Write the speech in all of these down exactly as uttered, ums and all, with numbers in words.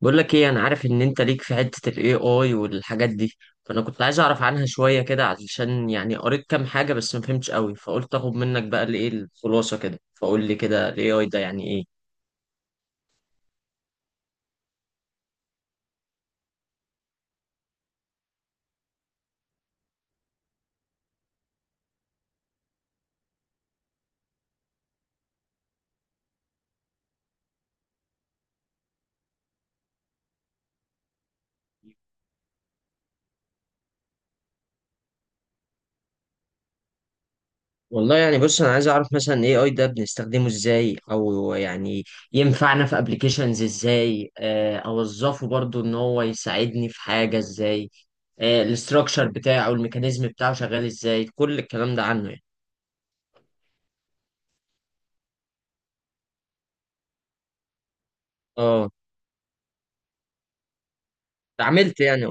بقول لك ايه، انا عارف ان انت ليك في حتة الاي اي والحاجات دي. فانا كنت عايز اعرف عنها شوية كده علشان يعني قريت كام حاجة بس ما فهمتش قوي، فقلت اخد منك بقى الايه الخلاصة كده. فقول لي كده الاي اي ده يعني ايه؟ والله يعني بص، انا عايز اعرف مثلا الاي اي ده بنستخدمه ازاي او يعني ينفعنا في ابلكيشنز ازاي. آه، اوظفه برضو ان هو يساعدني في حاجة ازاي. الاستراكشر بتاعه، الميكانيزم بتاعه شغال ازاي، كل الكلام ده عنه يعني. اه، اتعاملت يعني.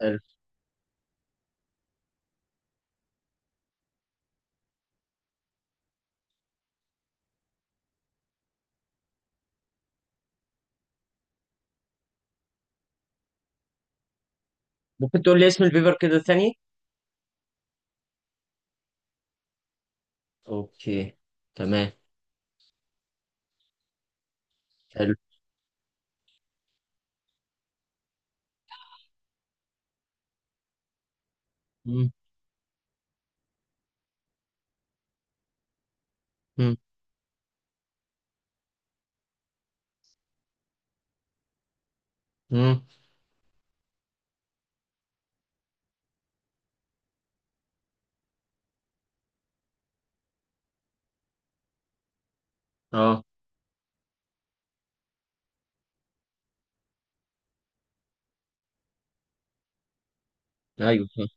اه، ممكن تقول لي اسم البيبر كده ثاني. اوكي. تمام. حلو. مم، مم، مم. اه، ايوه صح.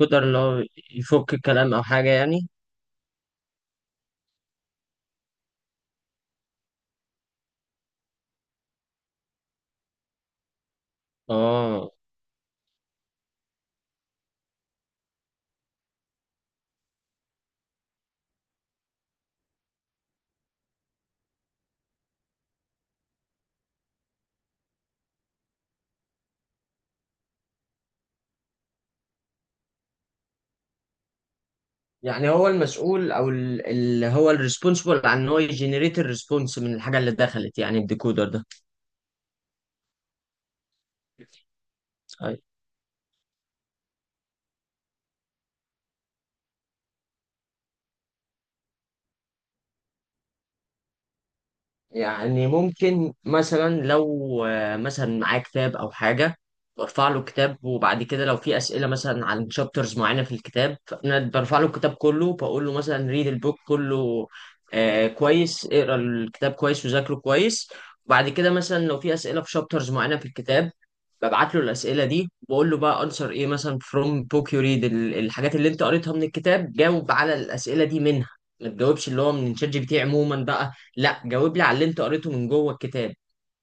قدر اللي هو يفك الكلام او حاجه يعني. اه، يعني هو المسؤول او ال- اللي هو الريسبونسبل عن ان هو يجنريت الريسبونس من الحاجه اللي دخلت يعني الديكودر ده. يعني ممكن مثلا لو آه، مثلا معاه كتاب او حاجه، برفع له كتاب، وبعد كده لو في اسئله مثلا عن شابترز معينه في الكتاب، فانا برفع له الكتاب كله بقول له مثلا ريد البوك كله، آه كويس اقرا الكتاب كويس وذاكره كويس. وبعد كده مثلا لو في اسئله في شابترز معينه في الكتاب، ببعت له الاسئله دي وبقول له بقى انسر ايه مثلا فروم بوك يو ريد، الحاجات اللي انت قريتها من الكتاب جاوب على الاسئله دي منها. ما تجاوبش اللي هو من شات جي بي تي عموما بقى، لا جاوب لي على اللي انت قريته من جوه الكتاب.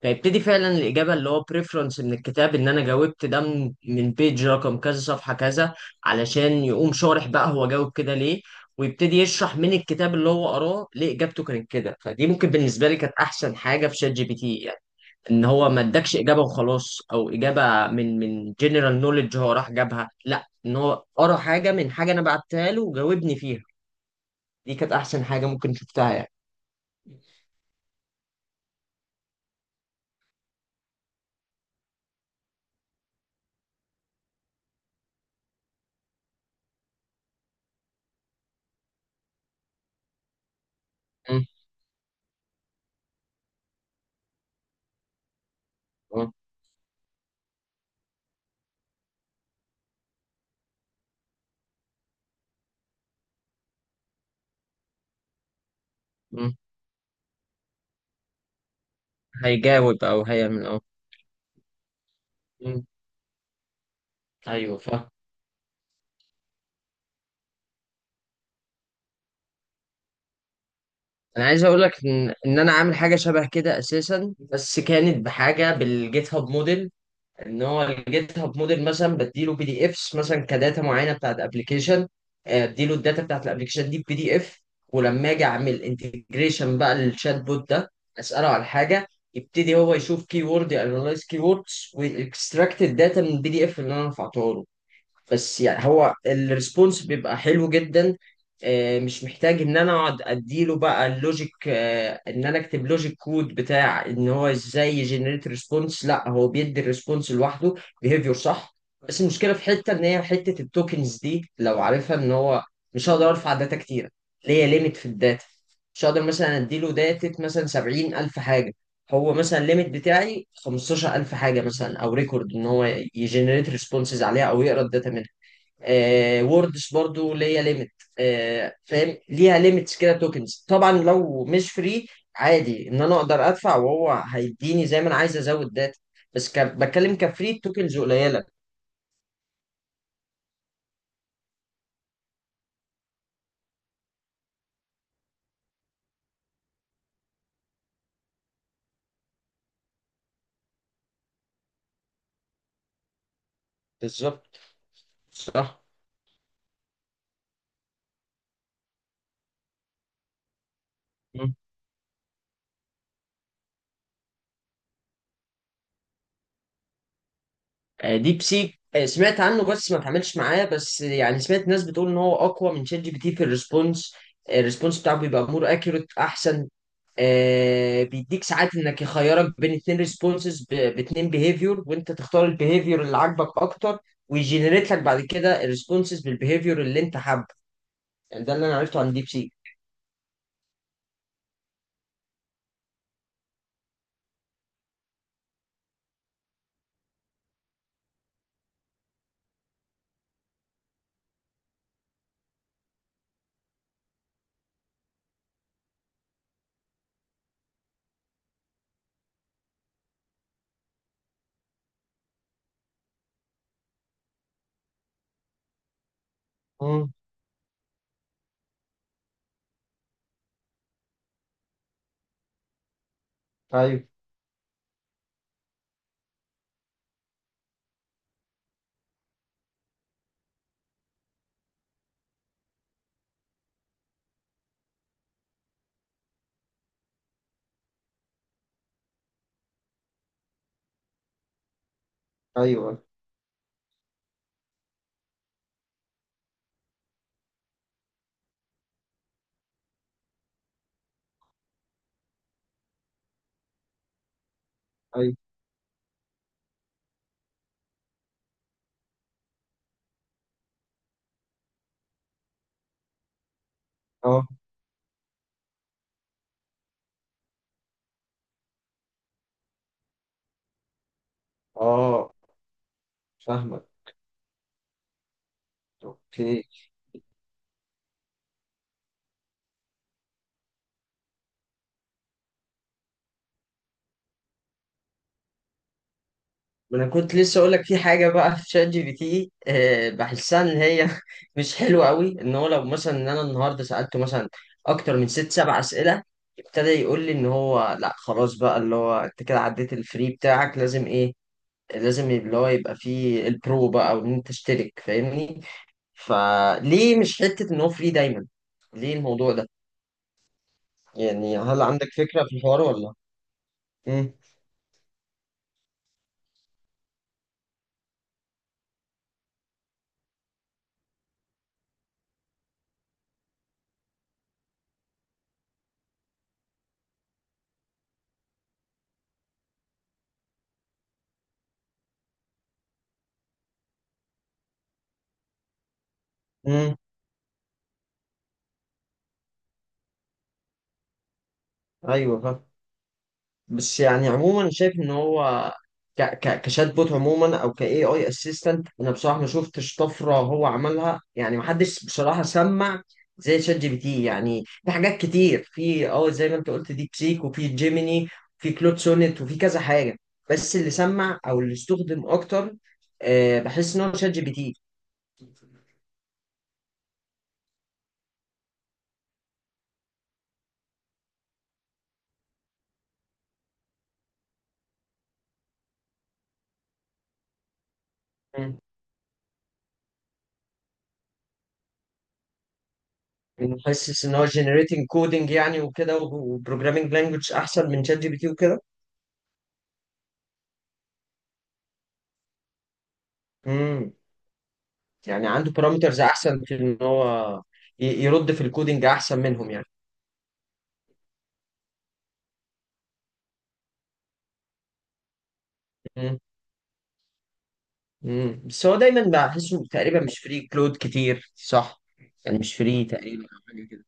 فيبتدي فعلا الإجابة اللي هو بريفرنس من الكتاب، إن أنا جاوبت ده من من بيج رقم كذا صفحة كذا علشان يقوم شارح بقى هو جاوب كده ليه. ويبتدي يشرح من الكتاب اللي هو قراه ليه إجابته كانت كده. فدي ممكن بالنسبة لي كانت أحسن حاجة في شات جي بي تي يعني. إن هو ما ادكش إجابة وخلاص أو إجابة من من جنرال نوليدج هو راح جابها، لا إن هو قرا حاجة من حاجة أنا بعتها له وجاوبني فيها. دي كانت أحسن حاجة ممكن شفتها يعني. م- م- م. هيجاوب او هيعمل، اه. مم. ايوه فاهم. انا عايز اقول لك ان ان انا عامل حاجه شبه كده اساسا، بس كانت بحاجه بالجيت هاب موديل. ان هو الجيت هاب موديل مثلا بديله بي دي افس مثلا كداتا معينه بتاعت ابلكيشن، اديله الداتا بتاعت الابلكيشن دي بي دي اف. ولما اجي اعمل انتجريشن بقى للشات بوت ده، اساله على حاجه، يبتدي هو يشوف كي وورد، انالايز كي ووردز ويكستراكت الداتا من البي دي اف اللي انا رفعته له. بس يعني هو الريسبونس بيبقى حلو جدا. آه، مش محتاج ان انا اقعد اديله بقى اللوجيك، آه، ان انا اكتب لوجيك كود بتاع ان هو ازاي يجنريت ريسبونس. لا هو بيدي الريسبونس لوحده، بيهيفير صح. بس المشكله في حته ان هي حته التوكنز دي لو عارفها، ان هو مش هقدر ارفع داتا كتير، ليا ليميت في الداتا. مش هقدر مثلا اديله داتا مثلا سبعين الف حاجه، هو مثلا الليميت بتاعي خمستاشر الف حاجه مثلا، او ريكورد ان هو يجنريت ريسبونسز عليها او يقرا الداتا منها. آه ووردز برضو ليا ليميت. آه فاهم، ليها ليميتس كده توكنز طبعا لو مش فري. عادي ان انا اقدر ادفع وهو هيديني زي ما انا عايز ازود داتا، بس ك... بتكلم كفري التوكنز قليله. بالظبط صح. مم. آه ديب سيك، آه سمعت عنه بس ما اتعاملش معاه. بس يعني سمعت ناس بتقول ان هو اقوى من شات جي بي تي في الريسبونس. الريسبونس بتاعه بيبقى مور اكيوريت احسن. آه، بيديك ساعات انك يخيرك بين اتنين ريسبونسز باتنين بيهيفيور وانت تختار البيهيفيور اللي عاجبك اكتر. ويجنريت لك بعد كده الريسبونسز بالبيهيفيور اللي انت حابه. يعني ده اللي انا عرفته عن ديب سيك. امم. ايوه، ايوه، ايوه. اه، اه، فاهمك. اوكي. ما انا كنت لسه اقول لك في حاجه بقى في شات جي بي تي، آه، بحسها ان هي مش حلوه قوي. ان هو لو مثلا ان انا النهارده سالته مثلا اكتر من ست سبع اسئله، ابتدى يقول لي ان هو لا خلاص بقى اللي هو انت كده عديت الفري بتاعك، لازم ايه، لازم اللي هو يبقى فيه البرو بقى او ان انت تشترك، فاهمني؟ فليه مش حته ان هو فري دايما؟ ليه الموضوع ده؟ يعني هل عندك فكره في الحوار ولا؟ امم. امم. ايوه. بس يعني عموما أنا شايف ان هو ك ك كشات بوت عموما او ك اي اي اسيستنت، انا بصراحه ما شفتش طفره هو عملها. يعني ما حدش بصراحه سمع زي شات جي بي تي يعني. في حاجات كتير، في اه زي ما انت قلت ديب سيك وفي جيميني، في كلود سونيت وفي كذا حاجه. بس اللي سمع او اللي استخدم اكتر، آه بحس ان هو شات جي بي تي. مم. يعني حاسس ان هو جنريتنج كودنج يعني وكده وبروجرامينج لانجوج احسن من شات جي بي تي وكده. مم. يعني عنده بارامترز احسن في ان هو ي- يرد في الكودينج احسن منهم يعني. مم. مم. بس هو دايما بحسه تقريبا مش فري كلود كتير صح. يعني مش فري تقريبا او حاجه كده.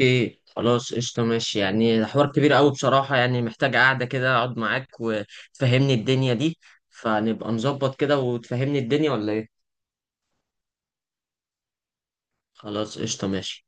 اوكي خلاص قشطه ماشي. يعني ده حوار كبير قوي بصراحه، يعني محتاج قعده كده اقعد معاك وتفهمني الدنيا دي، فنبقى نظبط كده وتفهمني الدنيا ولا ايه؟ خلاص قشطه ماشي.